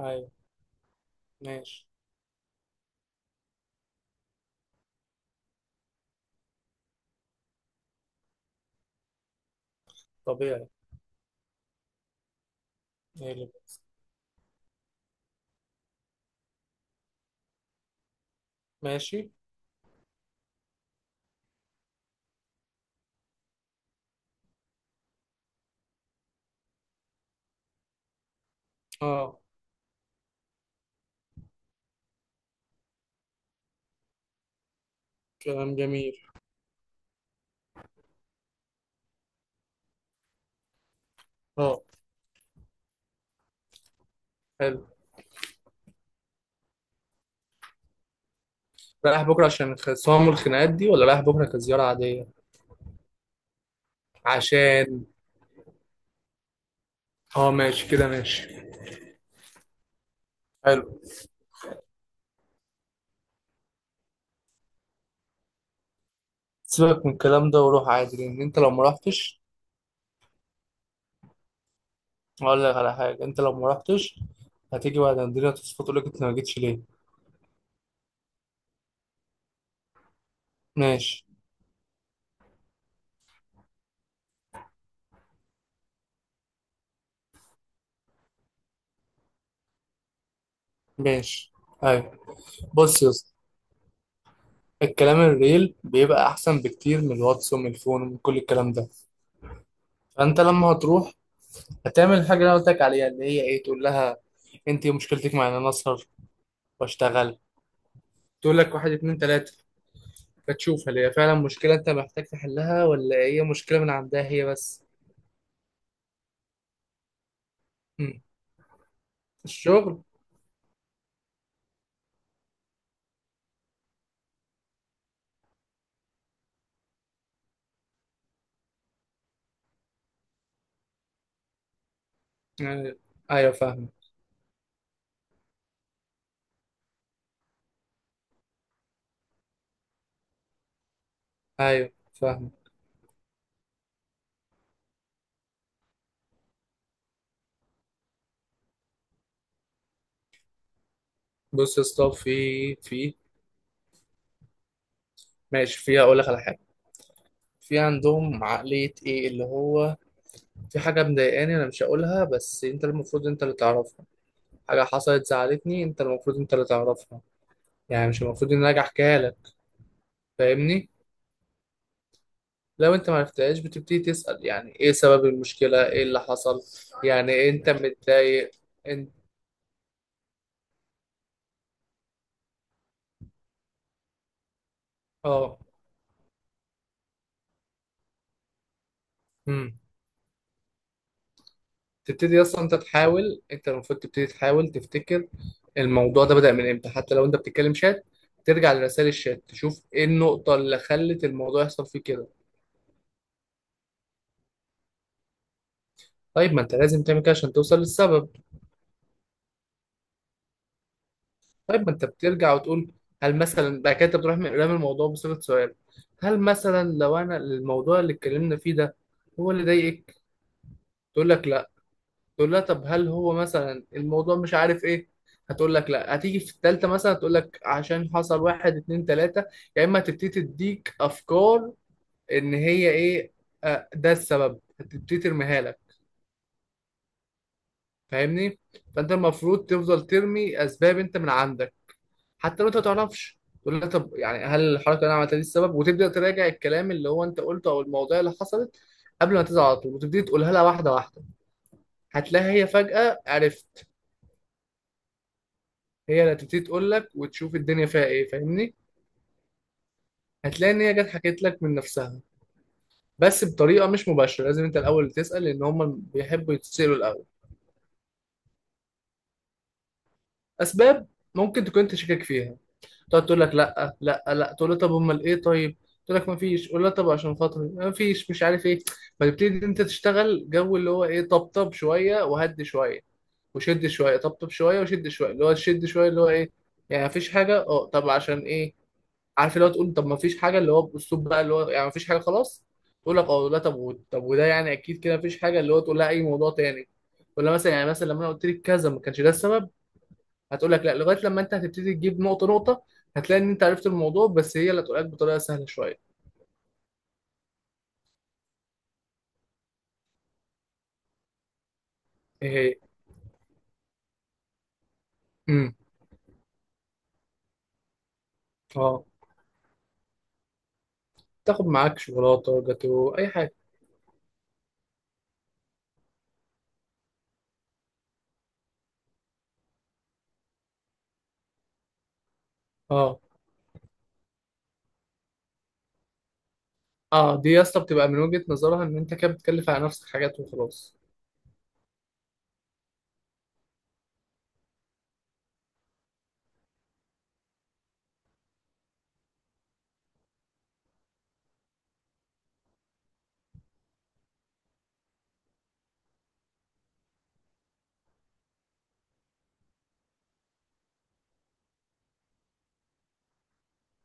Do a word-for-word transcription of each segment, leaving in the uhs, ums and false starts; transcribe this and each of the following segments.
ايوه. ماشي. طبيعي. نقلب. ماشي. اه. كلام جميل. اه. حلو. رايح بكره عشان الخصام والخناقات دي ولا رايح بكره كزياره عاديه؟ عشان. اه ماشي كده، ماشي. حلو. سيبك من الكلام ده وروح عادي لان انت لو ما رحتش. هقول لك على حاجه، انت لو ما رحتش هتيجي بعد الدنيا تصفى تقول لك انت ما جيتش ليه. ماشي. ماشي. ايوه. بص يا اسطى، الكلام الريل بيبقى احسن بكتير من الواتس ومن الفون ومن كل الكلام ده. فانت لما هتروح هتعمل الحاجة اللي انا قلت لك عليها، اللي هي ايه، تقول لها انت إيه مشكلتك مع ان انا اسهر واشتغل، تقول لك واحد اتنين تلاتة، فتشوف هل هي فعلا مشكلة انت محتاج تحلها ولا هي مشكلة من عندها هي بس. مم. الشغل. يعني- ايوه فاهم. ايوه فاهم. بص يا اسطى، في في ماشي، في هقول لك على حاجة. في عندهم عقلية ايه اللي هو في حاجة مضايقاني انا مش هقولها، بس انت المفروض انت اللي تعرفها. حاجة حصلت زعلتني، انت المفروض انت اللي تعرفها. يعني مش المفروض ان انا اجي احكيها لك، فاهمني. لو انت ما عرفتهاش بتبتدي تسأل، يعني ايه سبب المشكلة، ايه اللي حصل. يعني إيه انت متضايق؟ انت. اه. امم. تبتدي اصلا انت تحاول، انت المفروض تبتدي تحاول تفتكر الموضوع ده بدأ من امتى. حتى لو انت بتتكلم شات، ترجع لرسائل الشات تشوف ايه النقطة اللي خلت الموضوع يحصل فيه كده. طيب ما انت لازم تعمل كده عشان توصل للسبب. طيب ما انت بترجع وتقول، هل مثلا بعد كده انت بتروح من قدام الموضوع بصيغة سؤال، هل مثلا لو انا الموضوع اللي اتكلمنا فيه ده هو اللي ضايقك، تقول لك لا، تقول لها طب هل هو مثلا الموضوع مش عارف ايه، هتقول لك لا، هتيجي في التالتة مثلا هتقول لك عشان حصل واحد اتنين تلاتة. يا اما هتبتدي تديك افكار ان هي ايه، آه، ده السبب، هتبتدي ترميها لك، فاهمني. فانت المفروض تفضل ترمي اسباب انت من عندك، حتى لو انت ما تعرفش تقول لها طب يعني هل الحركة اللي انا عملتها دي السبب، وتبدأ تراجع الكلام اللي هو انت قلته او المواضيع اللي حصلت قبل ما تزعل على طول، وتبتدي تقولها لها واحدة واحدة. هتلاقيها هي فجأة عرفت، هي اللي هتبتدي تقول لك، وتشوف الدنيا فيها ايه، فاهمني. هتلاقي ان هي جت حكيت لك من نفسها، بس بطريقه مش مباشره، لازم انت الاول تسال لان هم بيحبوا يتسالوا الاول. اسباب ممكن تكون انت شاكك فيها، تقعد تقول لك لا لا لا، تقول لها طب امال ايه، طيب، تقول لك ما فيش، قول لها طب عشان خاطري، ما فيش مش عارف ايه. فتبتدي انت تشتغل جو اللي هو ايه، طبطب شويه وهدي شويه، وشد شويه طبطب شويه وشد شويه، اللي هو شد شويه، اللي هو ايه، يعني مفيش حاجه، اه طب عشان ايه، عارف اللي هو تقول طب ما فيش حاجه، اللي هو باسلوب بقى، اللي هو يعني ما فيش حاجه خلاص، تقول لك اه لا، طب و- طب وده يعني اكيد كده ما فيش حاجه، اللي هو تقول لها اي موضوع تاني، ولا مثلا يعني مثلا لما انا قلت لك كذا ما كانش ده السبب، هتقول لك لا، لغايه لما انت هتبتدي تجيب نقطه نقطه، هتلاقي ان انت عرفت الموضوع بس هي اللي هتقول لك بطريقه سهله شويه. ايه هي؟ امم. اه. تاخد معاك شوكولاته، جاتو، اي حاجه. اه. اه، دي يا اسطى بتبقى من وجهه نظرها ان انت كده بتكلف على نفسك حاجات وخلاص.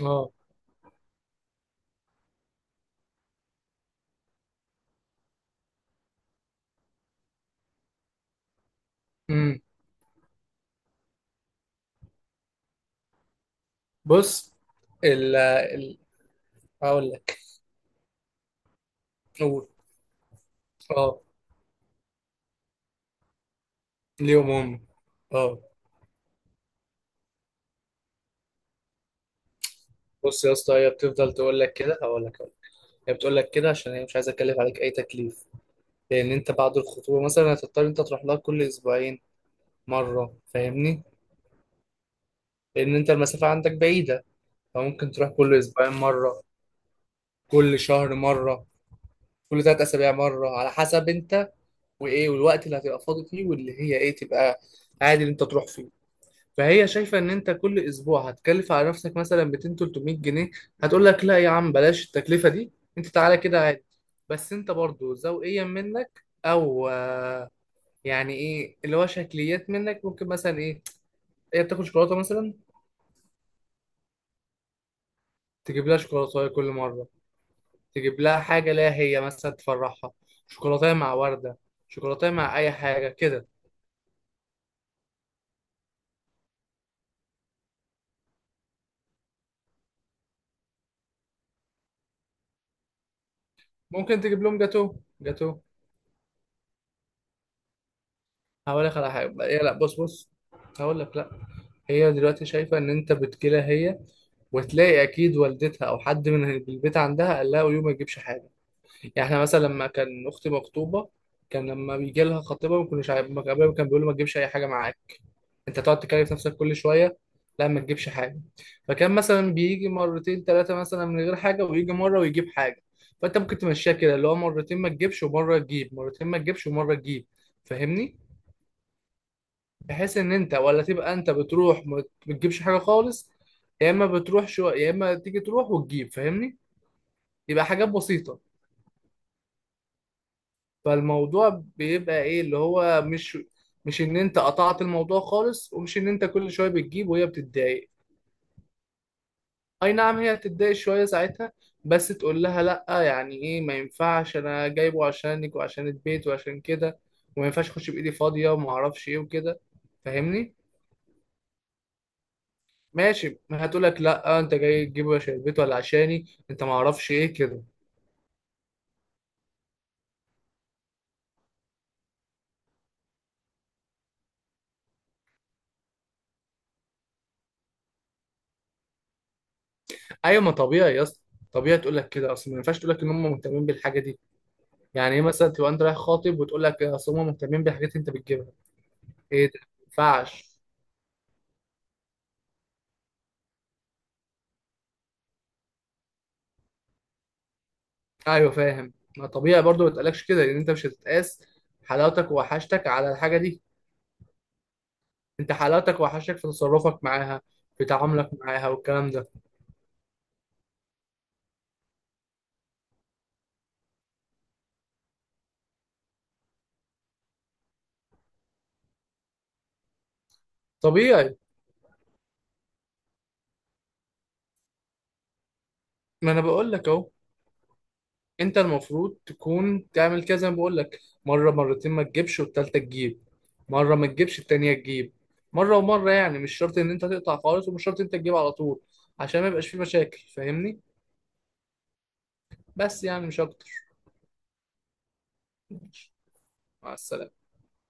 اه. امم. بص. ال ال هقول لك. قول. اه. ليهم هم. اه. بص يا اسطى، هي بتفضل تقول لك كده، هقول لك هقول لك. هي بتقول لك كده عشان هي مش عايزه اكلف عليك اي تكليف، لان انت بعد الخطوبه مثلا هتضطر انت تروح لها كل اسبوعين مره، فاهمني. لان انت المسافه عندك بعيده، فممكن تروح كل اسبوعين مره، كل شهر مره، كل ثلاث اسابيع مره، على حسب انت وايه، والوقت اللي هتبقى فاضي فيه واللي هي ايه تبقى عادي ان انت تروح فيه. فهي شايفه ان انت كل اسبوع هتكلف على نفسك مثلا مئتين ثلاثمية جنيه، هتقول لك لا يا عم بلاش التكلفه دي، انت تعالى كده عادي. بس انت برضو ذوقيا منك، او آه، يعني ايه اللي هو شكليات منك، ممكن مثلا ايه، هي بتاكل شوكولاته مثلا، تجيب لها شوكولاته كل مره، تجيب لها حاجه ليها هي مثلا تفرحها، شوكولاته مع ورده، شوكولاته مع اي حاجه كده. ممكن تجيب لهم جاتو، جاتو. هقول لك على حاجه، هي لا، بص بص، هقول لك لا، هي دلوقتي شايفه ان انت بتجيلها هي، وتلاقي اكيد والدتها او حد من البيت عندها قال لها ويوم ما تجيبش حاجه. يعني احنا مثلا لما كان اختي مخطوبه، كان لما بيجي لها خطيبها ما كناش عارف- ما كان أبويا كان بيقول له ما تجيبش اي حاجه معاك، انت تقعد تكلف نفسك كل شويه، لا ما تجيبش حاجه. فكان مثلا بيجي مرتين ثلاثه مثلا من غير حاجه، ويجي مره ويجيب حاجه. فانت ممكن تمشيها كده، اللي هو مرتين ما تجيبش ومره تجيب، مرتين ما تجيبش ومره تجيب، فاهمني. بحيث ان انت ولا تبقى انت بتروح ما بتجيبش حاجه خالص، يا اما بتروح شو، يا اما تيجي تروح وتجيب، فاهمني، يبقى حاجات بسيطه. فالموضوع بيبقى ايه، اللي هو مش مش ان انت قطعت الموضوع خالص، ومش ان انت كل شويه بتجيب وهي بتتضايق، اي نعم هي بتتضايق شويه ساعتها، بس تقول لها لا، يعني ايه ما ينفعش، انا جايبه عشانك وعشان البيت وعشان كده، وما ينفعش اخش بايدي فاضيه وما اعرفش ايه وكده، فاهمني. ماشي. هتقول لك لا انت جاي تجيبه عشان البيت ولا عشاني، انت ما اعرفش ايه كده. ايوه، ما طبيعي يا اسطى، طبيعي تقول لك كده، اصل ما ينفعش تقول لك ان هم مهتمين بالحاجه دي. يعني ايه مثلا تبقى انت رايح خاطب وتقول لك اصل هم مهتمين بالحاجات اللي انت بتجيبها، ايه ده ما ينفعش. ايوه فاهم. ما طبيعي برضو، ما تقلقش كده، لان انت مش هتتقاس حلاوتك ووحشتك على الحاجه دي، انت حلاوتك ووحشتك في تصرفك معاها، في تعاملك معاها والكلام ده. طبيعي. ما انا بقول لك اهو، انت المفروض تكون تعمل كده زي ما بقول لك، مره مرتين ما تجيبش والتالتة تجيب، مره ما تجيبش التانية تجيب، مره ومره، يعني مش شرط ان انت تقطع خالص، ومش شرط انت تجيب على طول، عشان ما يبقاش في مشاكل، فاهمني، بس يعني مش اكتر. مع السلامه.